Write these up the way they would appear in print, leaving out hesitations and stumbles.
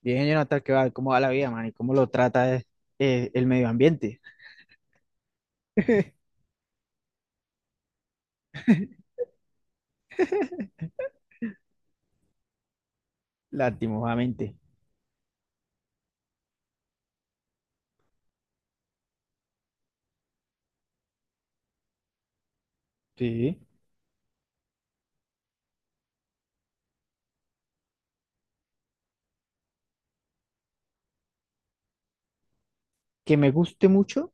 Bien, Jonathan, ¿qué va? ¿Cómo va la vida, man? ¿Y cómo lo trata el medio ambiente? Lastimosamente. Sí. Que me guste mucho.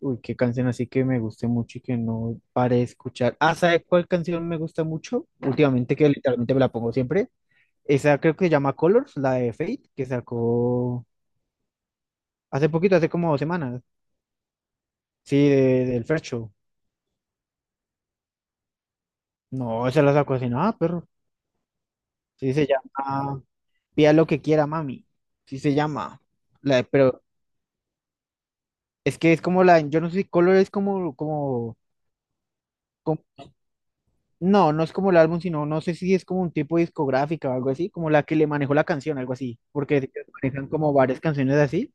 Uy, qué canción así que me guste mucho y que no pare de escuchar. Ah, ¿sabes cuál canción me gusta mucho? Últimamente, que literalmente me la pongo siempre. Esa creo que se llama Colors, la de Fate, que sacó hace poquito, hace como 2 semanas. Sí, del First Show. No, esa la sacó así, nada, perro. Sí, se llama Pida lo que quiera, mami. Sí, se llama. La de- pero Es que es como la, yo no sé si Color es como- no, no es como el álbum, sino no sé si es como un tipo discográfica o algo así, como la que le manejó la canción, algo así, porque ellos manejan como varias canciones así,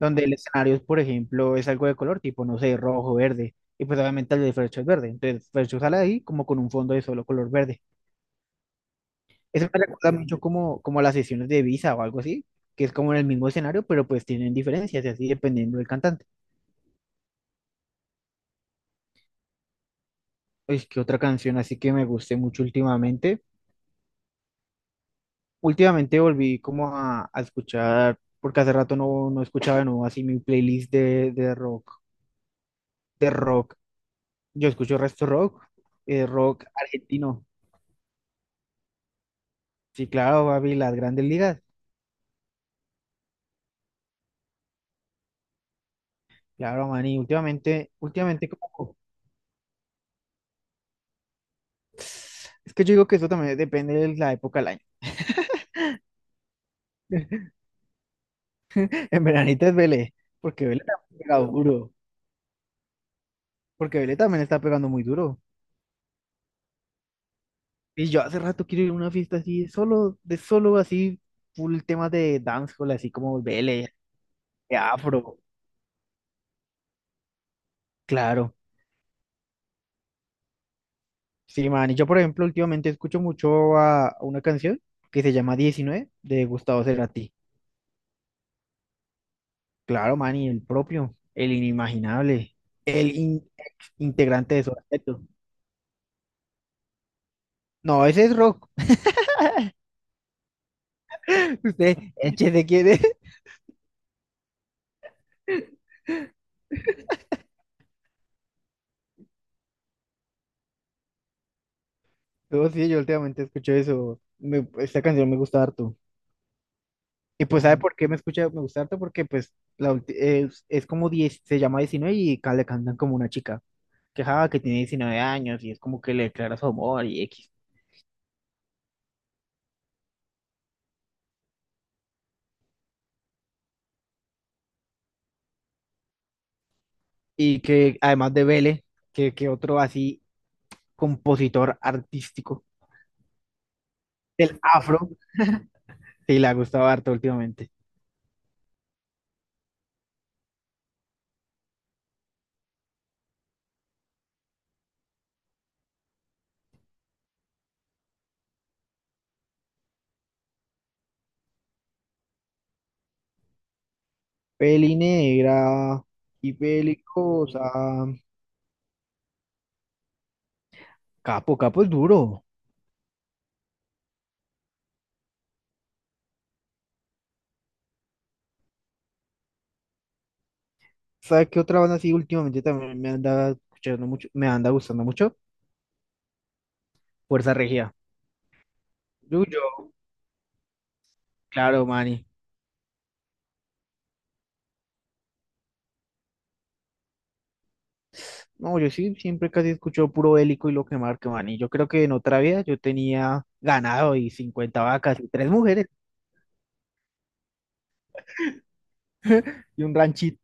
donde el escenario, por ejemplo, es algo de color, tipo, no sé, rojo, verde, y pues obviamente el de Fercho es verde, entonces Fercho sale ahí como con un fondo de solo color verde. Eso me recuerda mucho como, como a las sesiones de Visa o algo así, que es como en el mismo escenario, pero pues tienen diferencias y así dependiendo del cantante. Es que otra canción así que me guste mucho últimamente. Últimamente volví como a escuchar, porque hace rato no escuchaba de nuevo así mi playlist de rock. Yo escucho resto rock, rock argentino. Sí, claro, baby, las grandes ligas. Claro, man, y últimamente como, es que yo digo que eso también depende de la época del año. En veranito es Vélez, porque Vélez también pega duro, porque Vélez también está pegando muy duro. Y yo hace rato quiero ir a una fiesta así, solo, de solo así, full temas de dancehall, así como Vélez, de afro. Claro, sí, man. Y yo, por ejemplo, últimamente escucho mucho a una canción que se llama 19 de Gustavo Cerati. Claro, man, y el propio, el inimaginable, el in- integrante de su aspecto. No, ese es rock. Usted, échese quién es. No, sí, yo últimamente escucho eso. Esta canción me gusta harto. Y pues, ¿sabe por qué me escucha, me gusta harto? Porque, pues, es como 10, se llama 19 y le cantan como una chica. Que, ja, que tiene 19 años y es como que le declara su amor y X. Y que además de Vélez, que otro así compositor artístico del afro, sí le ha gustado harto últimamente. Peli negra y pelicosa. Capo, Capo es duro. ¿Sabes qué otra banda así últimamente también me anda escuchando mucho, me anda gustando mucho? Fuerza Regida. Yuyo, claro, Manny. No, yo sí siempre casi escucho puro bélico y lo que marque, Manny. Yo creo que en otra vida yo tenía ganado y 50 vacas y tres mujeres y un ranchito,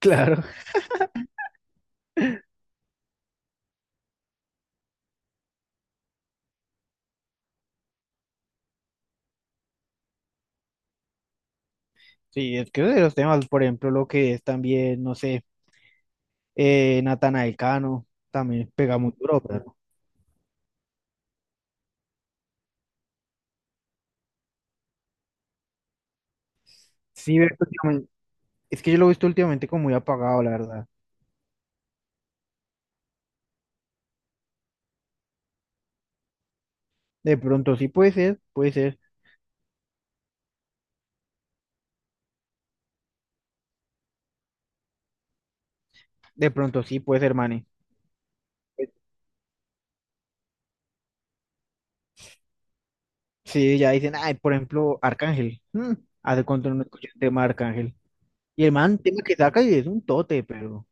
claro. Sí, es que de los temas, por ejemplo, lo que es también, no sé, Natanael Cano, también pega muy duro, pero sí, veo que es que yo lo he visto últimamente como muy apagado, la verdad. De pronto sí puede ser, de pronto sí puede ser, Manny. Sí, ya dicen, ay, por ejemplo, Arcángel, hace cuánto no escuché el tema de Arcángel. Y el man, tema que saca y es un tote, pero,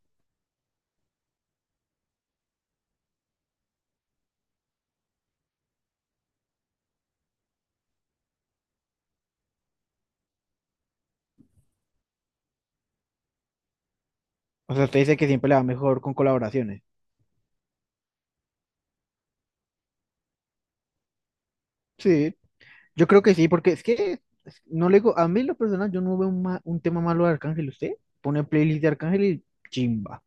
o sea, usted dice que siempre le va mejor con colaboraciones. Sí, yo creo que sí, porque es que no le digo, a mí en lo personal yo no veo un tema malo de Arcángel. Usted pone playlist de Arcángel y chimba.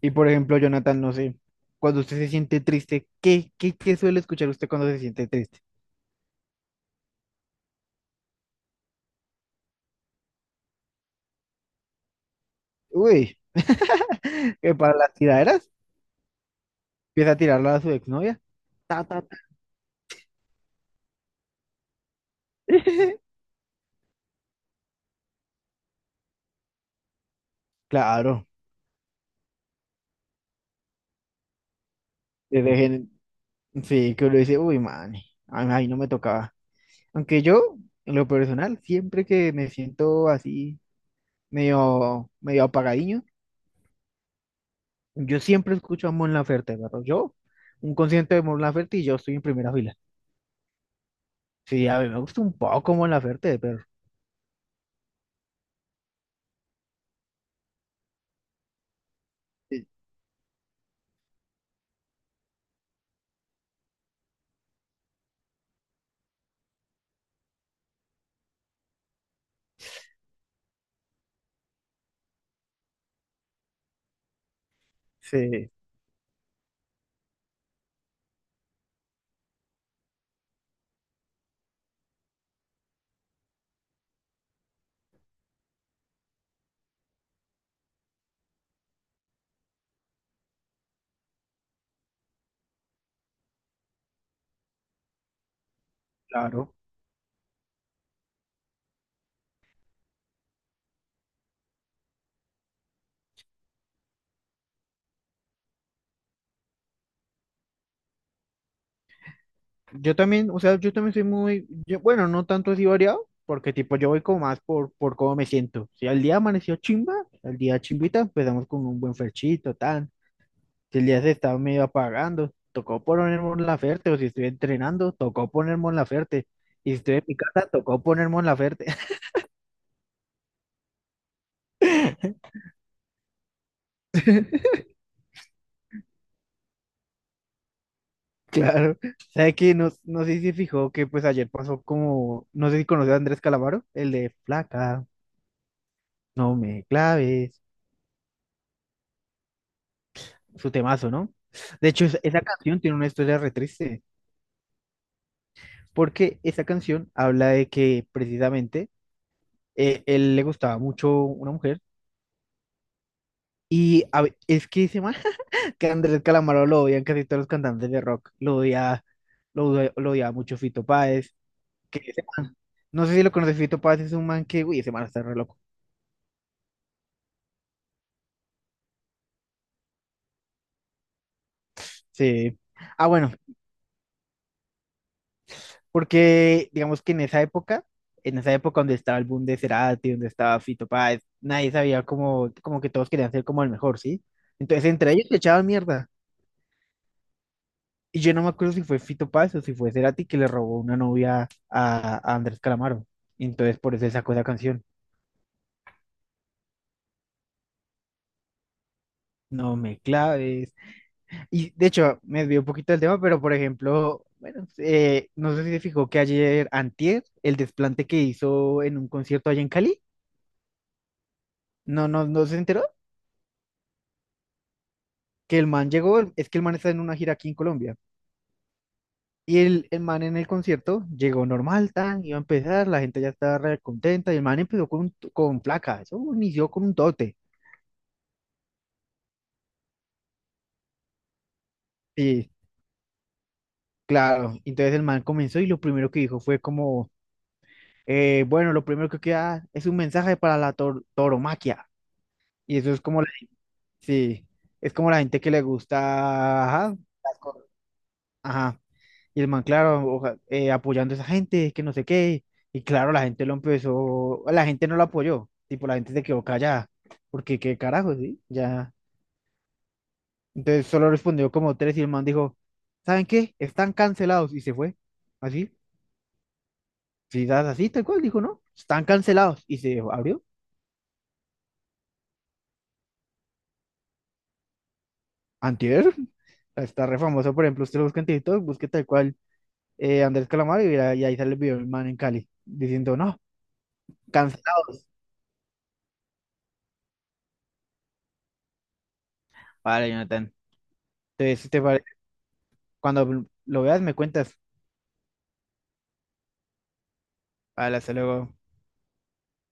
Y por ejemplo, Jonathan, no sé, cuando usted se siente triste, ¿qué suele escuchar usted cuando se siente triste? Uy, que para las tiraderas empieza a tirarla a su exnovia. Ta, ta, ta. Claro, que dejen, sí, que uno dice, uy, man, ay, ay, no me tocaba. Aunque yo, en lo personal, siempre que me siento así, medio, medio apagadiño, yo siempre escucho a Mon Laferte, pero yo, un concierto de Mon Laferte y yo estoy en primera fila. Sí, a mí me gusta un poco Mon Laferte, pero sí, sí, claro. Yo también, o sea, yo también soy muy, yo, bueno, no tanto así variado, porque tipo yo voy como más por cómo me siento. Si al día amaneció chimba, al día chimbita, empezamos con un buen ferchito, tan. Si el día se estaba medio apagando, tocó poner Mon Laferte, o si estoy entrenando, tocó poner Mon Laferte. Y si estoy en mi casa, tocó poner Mon Laferte. Claro, ¿sabe qué? No, no sé si se fijó que pues ayer pasó como, no sé si conoce a Andrés Calamaro, el de Flaca, no me claves, su temazo, ¿no? De hecho, esa canción tiene una historia re triste, porque esa canción habla de que precisamente él le gustaba mucho una mujer, y es que ese man, que Andrés Calamaro lo odian casi todos los cantantes de rock, lo odiaba mucho Fito Páez, que ese man, no sé si lo conoce Fito Páez, es un man que, uy, ese man está re loco. Sí. Ah, bueno, porque digamos que en esa época donde estaba el boom de Cerati, donde estaba Fito Páez, nadie sabía como, como que todos querían ser como el mejor, ¿sí? Entonces entre ellos se echaban mierda. Y yo no me acuerdo si fue Fito Páez o si fue Cerati que le robó una novia a Andrés Calamaro. Y entonces por eso él sacó esa canción. No me claves. Y de hecho, me desvió un poquito del tema, pero por ejemplo, bueno, no sé si se fijó que ayer, antier, el desplante que hizo en un concierto allá en Cali. No, no, no se enteró que el man llegó, es que el man está en una gira aquí en Colombia. Y el man en el concierto llegó normal, tan, iba a empezar, la gente ya estaba re contenta, y el man empezó con placa, eso inició con un tote. Sí, claro. Entonces el man comenzó y lo primero que dijo fue como, bueno, lo primero que queda es un mensaje para la tauromaquia. Y eso es como, sí, es como la gente que le gusta, ajá, las cosas. Y el man, claro, apoyando a esa gente, que no sé qué. Y claro, la gente lo empezó, la gente no lo apoyó, tipo, la gente se quedó callada, porque qué carajo, ¿sí? Ya. Entonces solo respondió como tres y el man dijo, ¿saben qué? Están cancelados y se fue. Así, sí, das así, tal cual, dijo, ¿no? Están cancelados y se abrió. Antier, está re famoso, por ejemplo, usted lo busca en TikTok, busque tal cual Andrés Calamaro y, y ahí sale el video del man en Cali, diciendo, no, cancelados. Vale, Jonathan. Entonces, ¿te parece? Cuando lo veas, me cuentas. Vale, hasta luego.